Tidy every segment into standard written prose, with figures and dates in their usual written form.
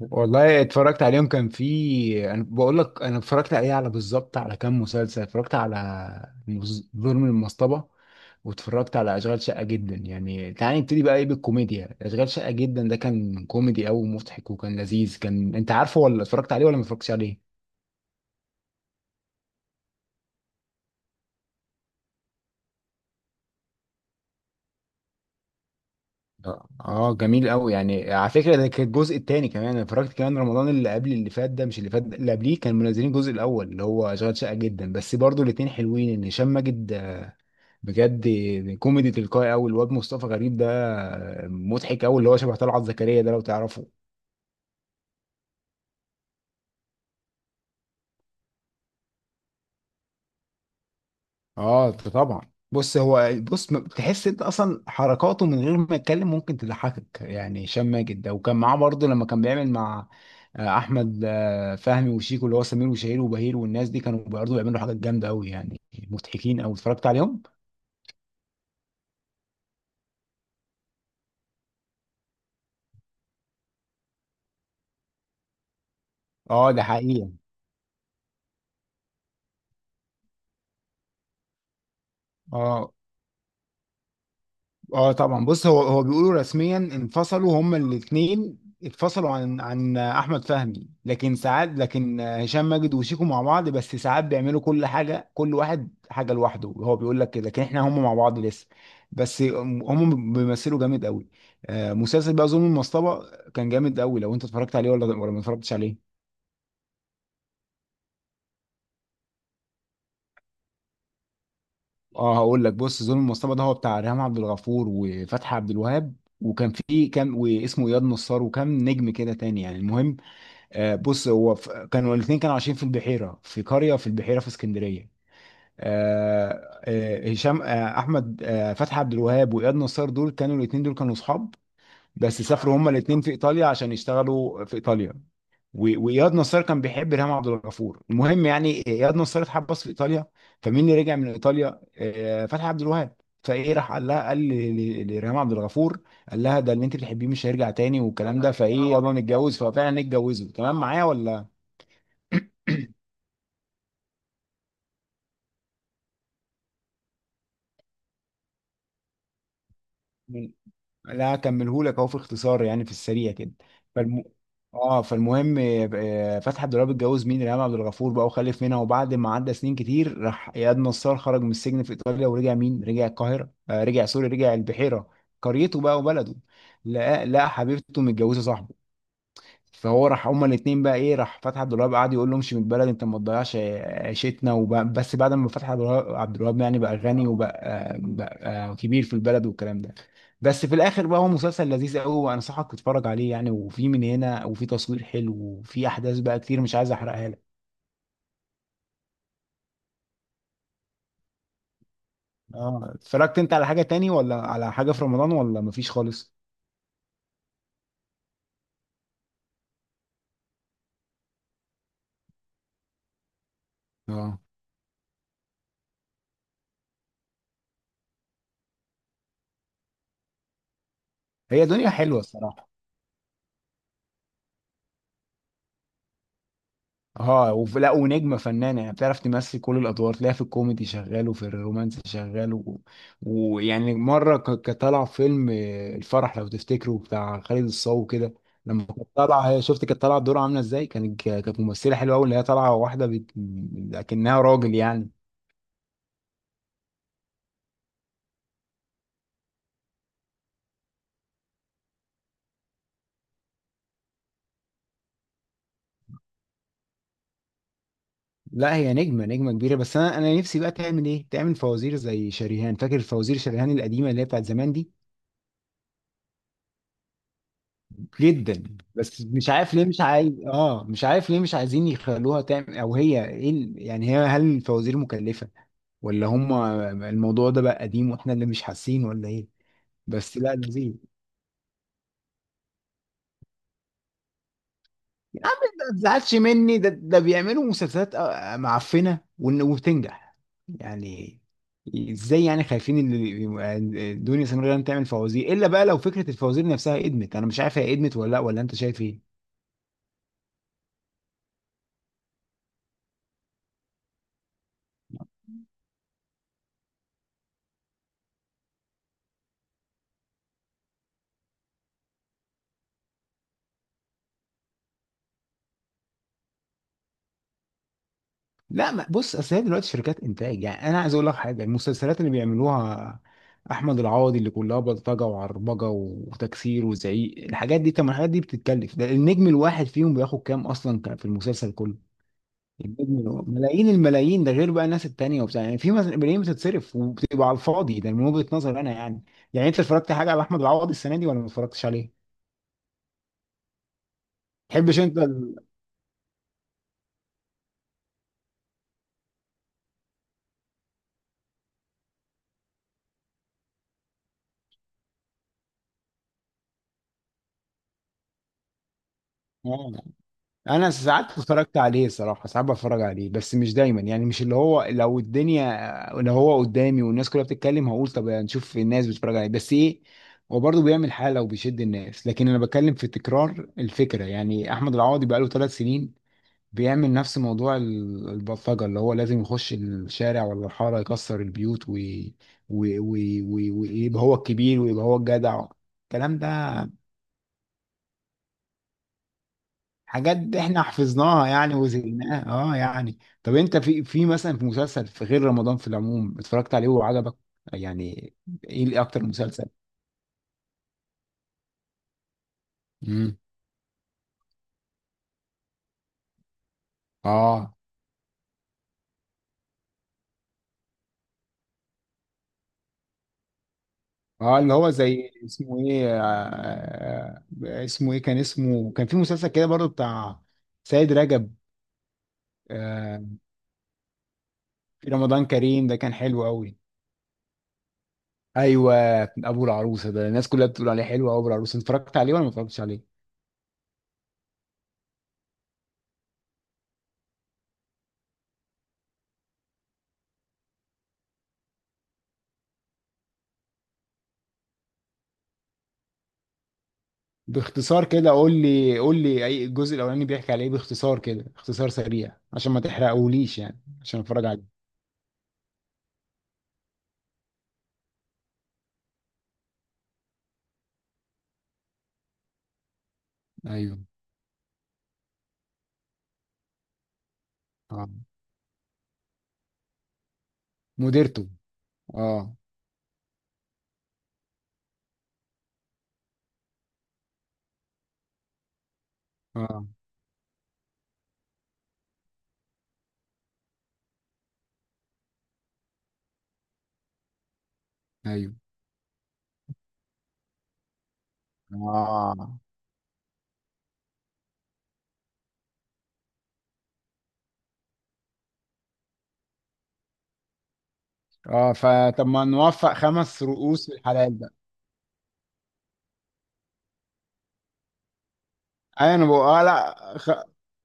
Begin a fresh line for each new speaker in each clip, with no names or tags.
والله اتفرجت عليهم، كان في انا بقول لك اتفرجت عليه بالظبط على كام مسلسل. اتفرجت على ظلم المصطبه، واتفرجت على اشغال شقه جدا. يعني تعالى نبتدي بقى ايه، بالكوميديا اشغال شقه جدا. ده كان كوميدي قوي ومضحك وكان لذيذ. كان انت عارفه ولا اتفرجت عليه ولا ما اتفرجتش عليه؟ لا، اه جميل قوي. يعني على فكره ده كان الجزء الثاني كمان. انا اتفرجت كمان رمضان اللي قبل اللي فات ده، مش اللي فات ده، اللي قبليه، كان منزلين الجزء الاول اللي هو اشغال شقه جدا، بس برضو الاثنين حلوين. ان هشام ماجد، بجد، كوميدي تلقائي قوي. الواد مصطفى غريب ده مضحك قوي، اللي هو شبه طلعت زكريا ده لو تعرفه. اه طبعا. بص هو بص م- تحس انت اصلا حركاته من غير ما يتكلم ممكن تضحكك، يعني هشام ماجد ده. وكان معاه برضه لما كان بيعمل مع احمد فهمي وشيكو، اللي هو سمير وشهير وبهير، والناس دي كانوا برضه بيعملوا حاجات جامده قوي، يعني مضحكين. او اتفرجت عليهم؟ اه ده حقيقي. اه اه طبعا. بص هو بيقولوا رسميا انفصلوا هما الاثنين، اتفصلوا عن احمد فهمي، لكن ساعات، لكن هشام ماجد وشيكو مع بعض، بس ساعات بيعملوا كل حاجه، كل واحد حاجه لوحده. هو بيقول لك كده، لكن احنا هما مع بعض لسه. بس هم بيمثلوا جامد قوي. مسلسل بقى ظلم المصطبه كان جامد قوي. لو انت اتفرجت عليه ولا ما اتفرجتش عليه؟ اه هقول لك. بص ظلم المصطبه ده هو بتاع ريهام عبد الغفور وفتحي عبد الوهاب، وكان فيه كام، واسمه اياد نصار، وكام نجم كده تاني يعني. المهم، بص هو كانوا الاثنين كانوا عايشين في البحيره، في قريه في البحيره في اسكندريه. آه، آه، هشام آه، احمد آه، فتحي عبد الوهاب واياد نصار دول كانوا الاثنين، دول كانوا اصحاب. بس سافروا هما الاثنين في ايطاليا عشان يشتغلوا في ايطاليا. واياد نصار كان بيحب ريهام عبد الغفور. المهم يعني اياد نصار اتحبس في ايطاليا. فمين اللي رجع من ايطاليا؟ فتحي عبد الوهاب. فايه راح قال لها، قال لريهام عبد الغفور. قال لها ده اللي انت بتحبيه مش هيرجع تاني والكلام ده، فايه يلا نتجوز. ففعلا اتجوزوا. تمام، معايا ولا؟ من- لا اكملهولك اهو في اختصار، يعني في السريع كده. فالم... اه فالمهم، فتحي عبد الوهاب اتجوز مين؟ ريهام عبد الغفور بقى، وخلف منها. وبعد ما عدى سنين كتير، راح اياد نصار خرج من السجن في ايطاليا، ورجع مين؟ رجع القاهره، آه رجع سوري، رجع البحيره، قريته بقى وبلده. لقى حبيبته متجوزه صاحبه. فهو راح، هما الاتنين بقى، ايه راح فتحي عبد الوهاب قعد يقول له امشي من البلد، انت ما تضيعش عيشتنا. بس بعد ما فتحي عبد الوهاب يعني بقى غني، بقى كبير في البلد والكلام ده. بس في الاخر بقى هو مسلسل لذيذ قوي، وانصحك تتفرج عليه يعني. وفي من هنا، وفي تصوير حلو، وفي احداث بقى كتير مش عايز احرقها لك. اه، اتفرجت انت على حاجة تاني ولا على حاجة في رمضان، ولا مفيش خالص؟ اه، هي دنيا حلوة الصراحة. لا، ونجمه فنانه يعني، بتعرف تمثل كل الادوار. تلاقيها في الكوميدي شغال، وفي الرومانسي شغال ويعني مره كانت طالعه في فيلم الفرح، لو تفتكروا، بتاع خالد الصاوي كده. لما كانت طالعه هي، شفت كانت طالعه الدور عامله ازاي؟ كانت كانت ممثله حلوه قوي، اللي هي طالعه واحده لكنها راجل يعني. لا هي نجمه، نجمه كبيره. بس انا نفسي بقى تعمل ايه، تعمل فوازير زي شريهان. فاكر فوازير شريهان القديمه اللي هي بتاعت زمان دي؟ جدا. بس مش عارف ليه مش عايز، اه مش عارف ليه مش عايزين يخلوها تعمل، او هي ايه ال- يعني هي هل الفوازير مكلفة؟ ولا هم الموضوع ده بقى قديم واحنا اللي مش حاسين، ولا ايه؟ بس لا لذيذ. يا عم ما تزعلش مني، ده بيعملوا مسلسلات معفنة وبتنجح يعني. ازاي يعني خايفين ان دنيا سمير غانم تعمل فوازير؟ الا بقى، لو فكرة الفوازير نفسها ادمت، انا مش عارف هي ادمت ولا لا، ولا انت شايف ايه؟ لا ما بص، اصل هي دلوقتي شركات انتاج، يعني انا عايز اقول لك حاجه. المسلسلات اللي بيعملوها احمد العوضي اللي كلها بلطجه وعربجه وتكسير وزعيق، الحاجات دي طب ما الحاجات دي بتتكلف. ده النجم الواحد فيهم بياخد كام اصلا كان في المسلسل كله؟ ملايين الملايين، ده غير بقى الناس التانيه وبتاع. يعني في ملايين بتتصرف وبتبقى على الفاضي، ده من وجهه نظري انا يعني. يعني انت اتفرجت حاجه على احمد العوضي السنه دي ولا ما اتفرجتش عليه؟ تحبش انت ال... آه. انا ساعات اتفرجت عليه صراحه، ساعات بتفرج عليه بس مش دايما، يعني مش اللي هو لو الدنيا، لو هو قدامي والناس كلها بتتكلم هقول طب يعني نشوف الناس بتتفرج عليه. بس ايه، هو برضه بيعمل حاله وبيشد الناس، لكن انا بتكلم في تكرار الفكره. يعني احمد العوضي بقاله 3 سنين بيعمل نفس موضوع البلطجه، اللي هو لازم يخش الشارع ولا الحاره يكسر البيوت ويبقى هو الكبير ويبقى هو الجدع، الكلام ده. حاجات دي احنا حفظناها يعني وزهقناها. اه يعني طب انت في في مثلا في مسلسل في غير رمضان في العموم اتفرجت عليه وعجبك يعني، ايه اللي اكتر مسلسل؟ امم. اه اه اللي هو زي اسمه ايه، اسمه ايه كان اسمه؟ كان في مسلسل كده برضو بتاع سيد رجب. آه، في رمضان كريم ده كان حلو قوي. ايوه، ابو العروسه ده الناس كلها بتقول عليه حلو قوي. ابو العروسه اتفرجت عليه ولا ما اتفرجتش عليه؟ باختصار كده قول لي، اي الجزء الاولاني بيحكي على ايه؟ باختصار كده، اختصار سريع عشان ما تحرقهوليش يعني، عشان اتفرج عليه. ايوه. اه. مديرته. اه اه ايوه اه اه. فطب ما نوفق خمس رؤوس في الحلال بقى. ايوه انا بقول اه.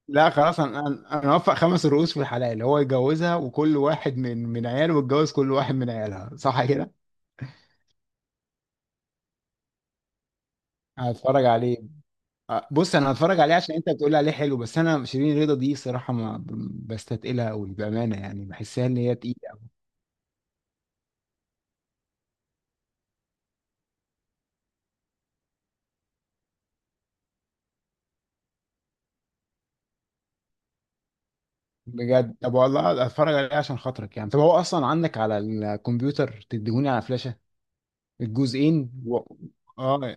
لا خلاص، انا انا أنا اوفق خمس رؤوس في الحلال. هو يتجوزها وكل واحد من عياله يتجوز كل واحد من عيالها، صح كده. هتفرج عليه. بص انا هتفرج عليه عشان انت بتقول عليه حلو، بس انا شيرين رضا دي صراحه ما ب- بستثقلها قوي بامانه، يعني بحسها ان هي تقيله. بجد طب والله هتفرج عليه عشان خاطرك يعني. طب هو اصلا عندك على الكمبيوتر تديهوني على فلاشه الجزئين اه.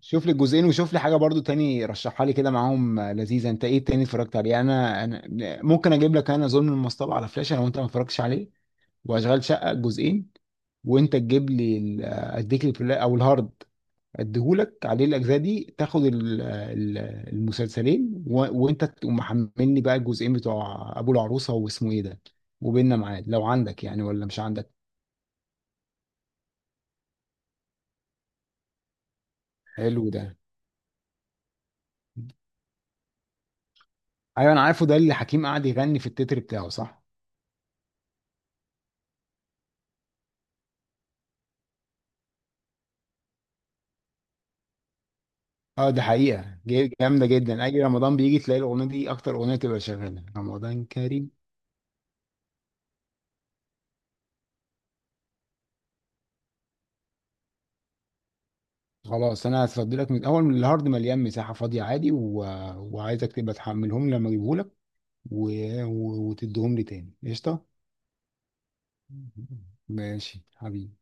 شوف لي الجزئين، وشوف لي حاجه برضو تاني رشحها لي كده معاهم لذيذه. انت ايه تاني اتفرجت عليه؟ انا ممكن اجيب لك انا ظلم المصطبه على فلاشه لو انت ما اتفرجتش عليه، واشغال شقه جزئين، وانت تجيب لي اديك البلاي او الهارد اديهولك عليه الاجزاء دي، تاخد المسلسلين وانت تقوم محملني بقى الجزئين بتوع ابو العروسه، واسمه ايه ده، وبيننا ميعاد، لو عندك يعني ولا مش عندك. حلو ده. ايوه انا عارفه، ده اللي حكيم قعد يغني في التتر بتاعه، صح؟ اه ده حقيقه، جامده جدا. اي رمضان بيجي تلاقي الاغنيه دي اكتر اغنيه تبقى شغاله، رمضان كريم. خلاص انا هفضي لك من الاول، من الهارد مليان مساحه فاضيه عادي، وعايزك تبقى تحملهم لما اجيبهولك، و... وتديهم لي تاني، قشطه. ماشي حبيبي.